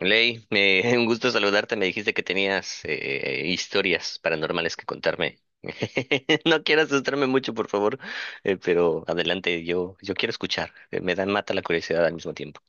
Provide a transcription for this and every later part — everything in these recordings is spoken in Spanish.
Ley, un gusto saludarte. Me dijiste que tenías historias paranormales que contarme. No quiero asustarme mucho, por favor, pero adelante, yo quiero escuchar. Me dan mata la curiosidad al mismo tiempo.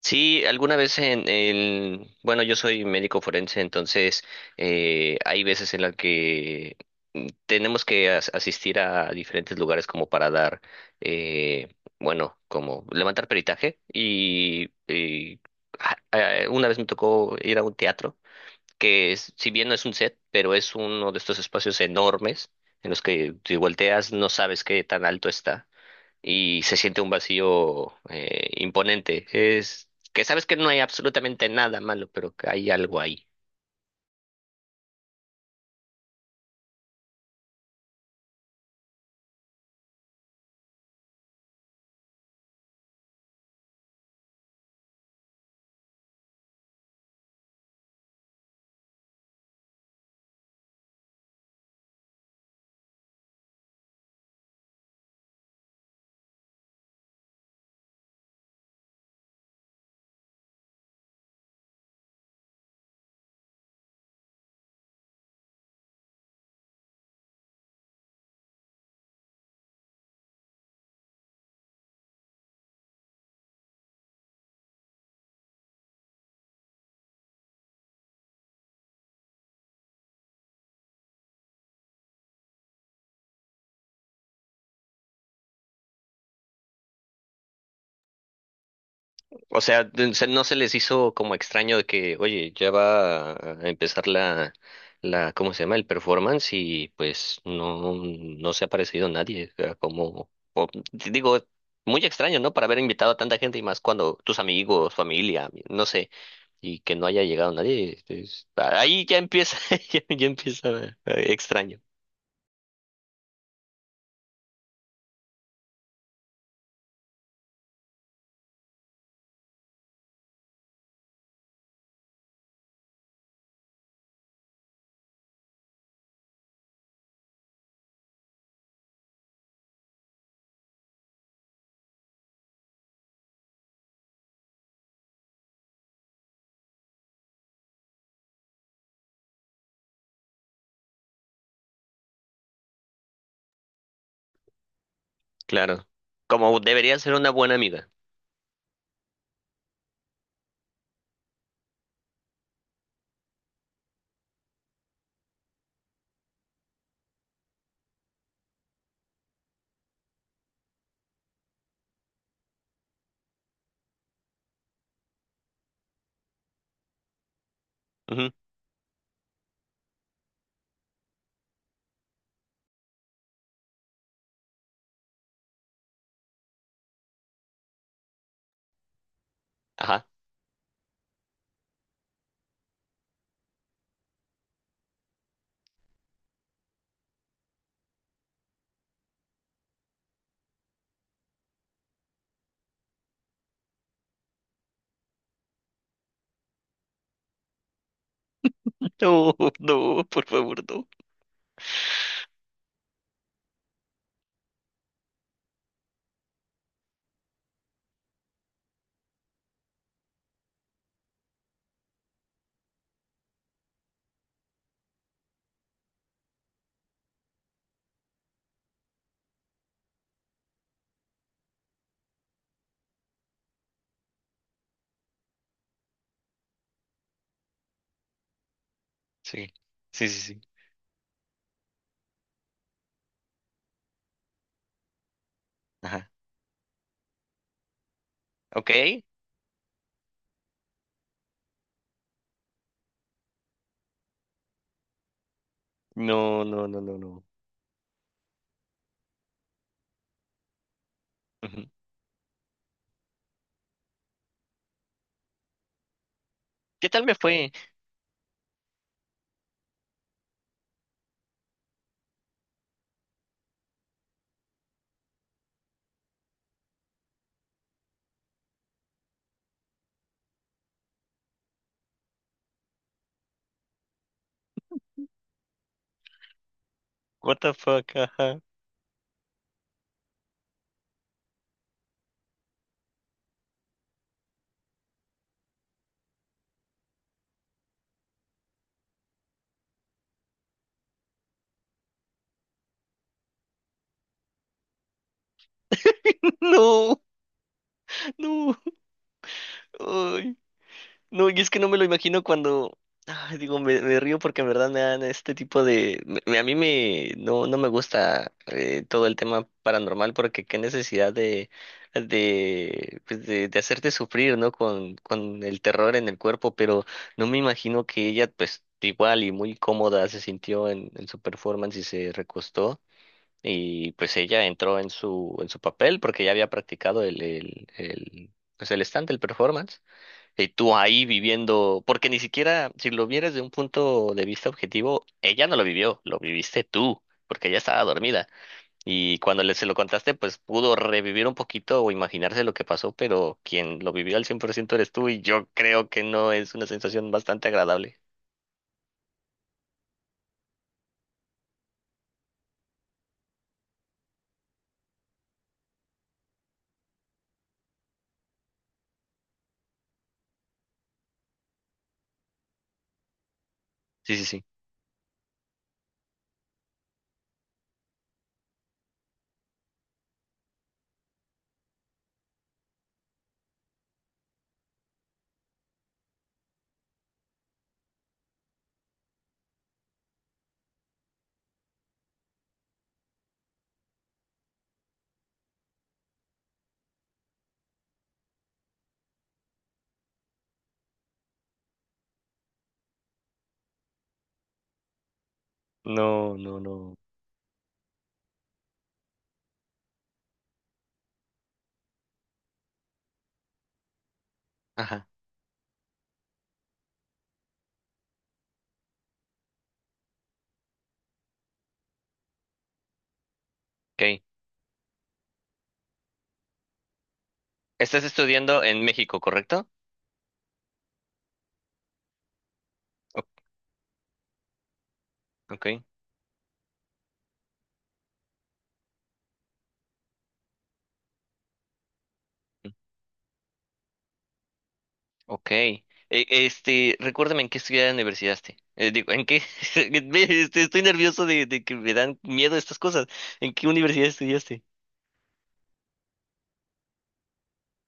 Sí, alguna vez en bueno, yo soy médico forense, entonces hay veces en las que tenemos que asistir a diferentes lugares como para dar, eh, bueno, como levantar peritaje y, una vez me tocó ir a un teatro que si bien no es un set, pero es uno de estos espacios enormes en los que si volteas no sabes qué tan alto está y se siente un vacío imponente. Es que sabes que no hay absolutamente nada malo, pero que hay algo ahí. O sea, no se les hizo como extraño de que, oye, ya va a empezar la, ¿cómo se llama? El performance y pues no, no se ha aparecido nadie. O sea, como, digo, muy extraño, ¿no? Para haber invitado a tanta gente y más cuando tus amigos, familia, no sé, y que no haya llegado nadie. Ahí ya empieza, ya empieza extraño. Claro. Como debería ser una buena amiga. Ujú. Ajá. No, no, por favor, no. Sí, sí, sí, sí. Ajá. Ok. No, no, no, no, no. Ujú. ¿Qué tal me fue? What the fuck, ajá. No, no. Ay. No, y es que no me lo imagino cuando, ay, digo, me río porque en verdad me dan este tipo de, a mí me, no, no me gusta todo el tema paranormal porque qué necesidad de, pues de hacerte sufrir, ¿no? Con el terror en el cuerpo, pero no me imagino que ella, pues, igual y muy cómoda se sintió en su performance y se recostó. Y pues ella entró en su papel porque ya había practicado el, pues el stand, el performance. Y tú ahí viviendo, porque ni siquiera, si lo vieras de un punto de vista objetivo, ella no lo vivió, lo viviste tú, porque ella estaba dormida. Y cuando se lo contaste, pues pudo revivir un poquito o imaginarse lo que pasó, pero quien lo vivió al 100% eres tú y yo creo que no es una sensación bastante agradable. Sí, sí, sí. No, no, no. Ajá. Ok. Estás estudiando en México, ¿correcto? O- Ok. Ok. Este, recuérdame en qué estudiar universidaste. Digo, ¿en qué? Estoy nervioso de que me dan miedo estas cosas. ¿En qué universidad estudiaste?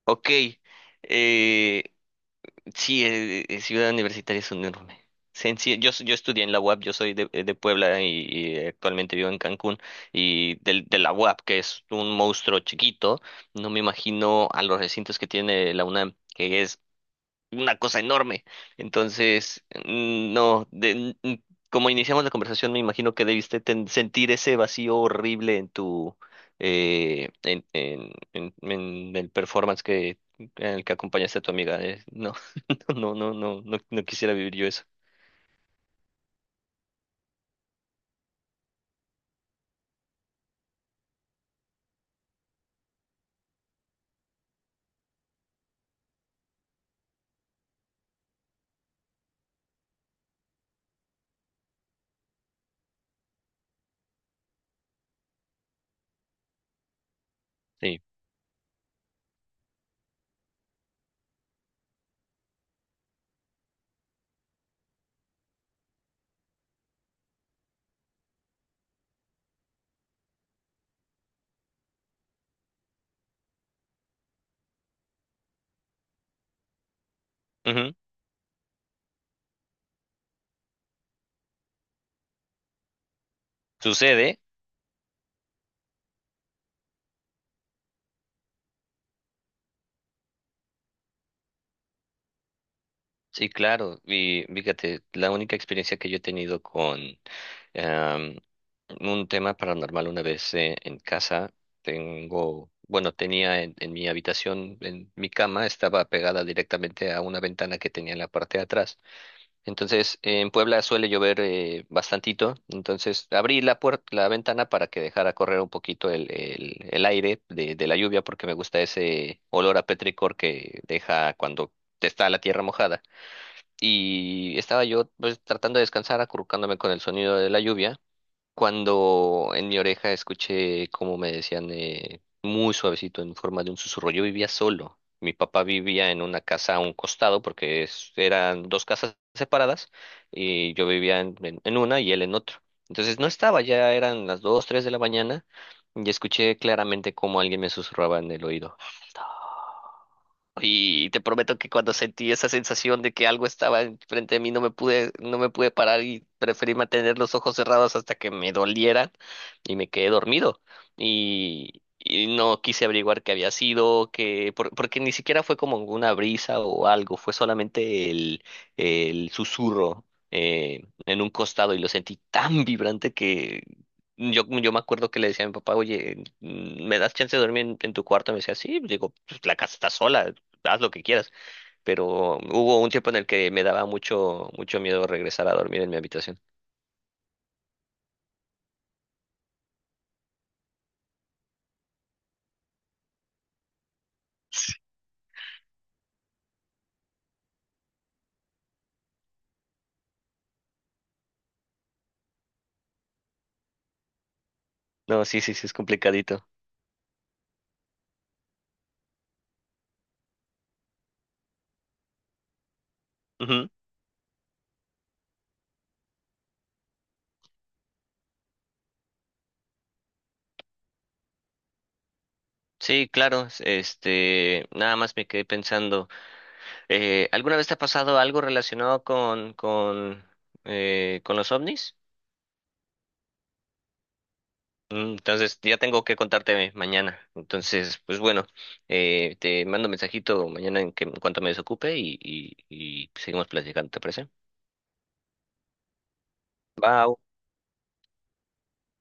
Ok. Eh, sí, ciudad universitaria es un enorme. Yo estudié en la UAP, yo soy de Puebla y actualmente vivo en Cancún. Y de la UAP, que es un monstruo chiquito, no me imagino a los recintos que tiene la UNAM, que es una cosa enorme. Entonces, mm, no, de- mm, como iniciamos la conversación, me imagino que debiste sentir ese vacío horrible en tu, en el performance en el que acompañaste a tu amiga. No, no, no, no, no, no quisiera vivir yo eso. Sí. Ujú. Sucede. Sí, claro. Y fíjate, la única experiencia que yo he tenido con em, un tema paranormal una vez en casa, bueno, tenía en mi habitación, en mi cama, estaba pegada directamente a una ventana que tenía en la parte de atrás. Entonces, en Puebla suele llover bastantito, entonces abrí la puerta, la ventana para que dejara correr un poquito el aire de la lluvia porque me gusta ese olor a petricor que deja cuando está la tierra mojada y estaba yo pues tratando de descansar, acurrucándome con el sonido de la lluvia, cuando en mi oreja escuché como me decían muy suavecito en forma de un susurro. Yo vivía solo. Mi papá vivía en una casa a un costado porque eran dos casas separadas y yo vivía en, en una y él en otro. Entonces no estaba, ya eran las dos, tres de la mañana y escuché claramente cómo alguien me susurraba en el oído. Y te prometo que cuando sentí esa sensación de que algo estaba enfrente de mí, no me pude, no me pude parar y preferí mantener los ojos cerrados hasta que me dolieran y me quedé dormido. Y no quise averiguar qué había sido, que, porque ni siquiera fue como una brisa o algo, fue solamente el susurro en un costado y lo sentí tan vibrante que yo me acuerdo que le decía a mi papá, oye, ¿me das chance de dormir en tu cuarto? Me decía, sí, digo, "Pues, la casa está sola, haz lo que quieras. Pero hubo un tiempo en el que me daba mucho, mucho miedo regresar a dormir en mi habitación. No, sí, sí, sí, es complicadito. Ujú. Sí, claro, este, nada más me quedé pensando, ¿alguna vez te ha pasado algo relacionado con los ovnis? Entonces, ya tengo que contarte mañana. Entonces, pues bueno, te mando mensajito mañana en que en cuanto me desocupe y seguimos platicando, ¿te parece? Va,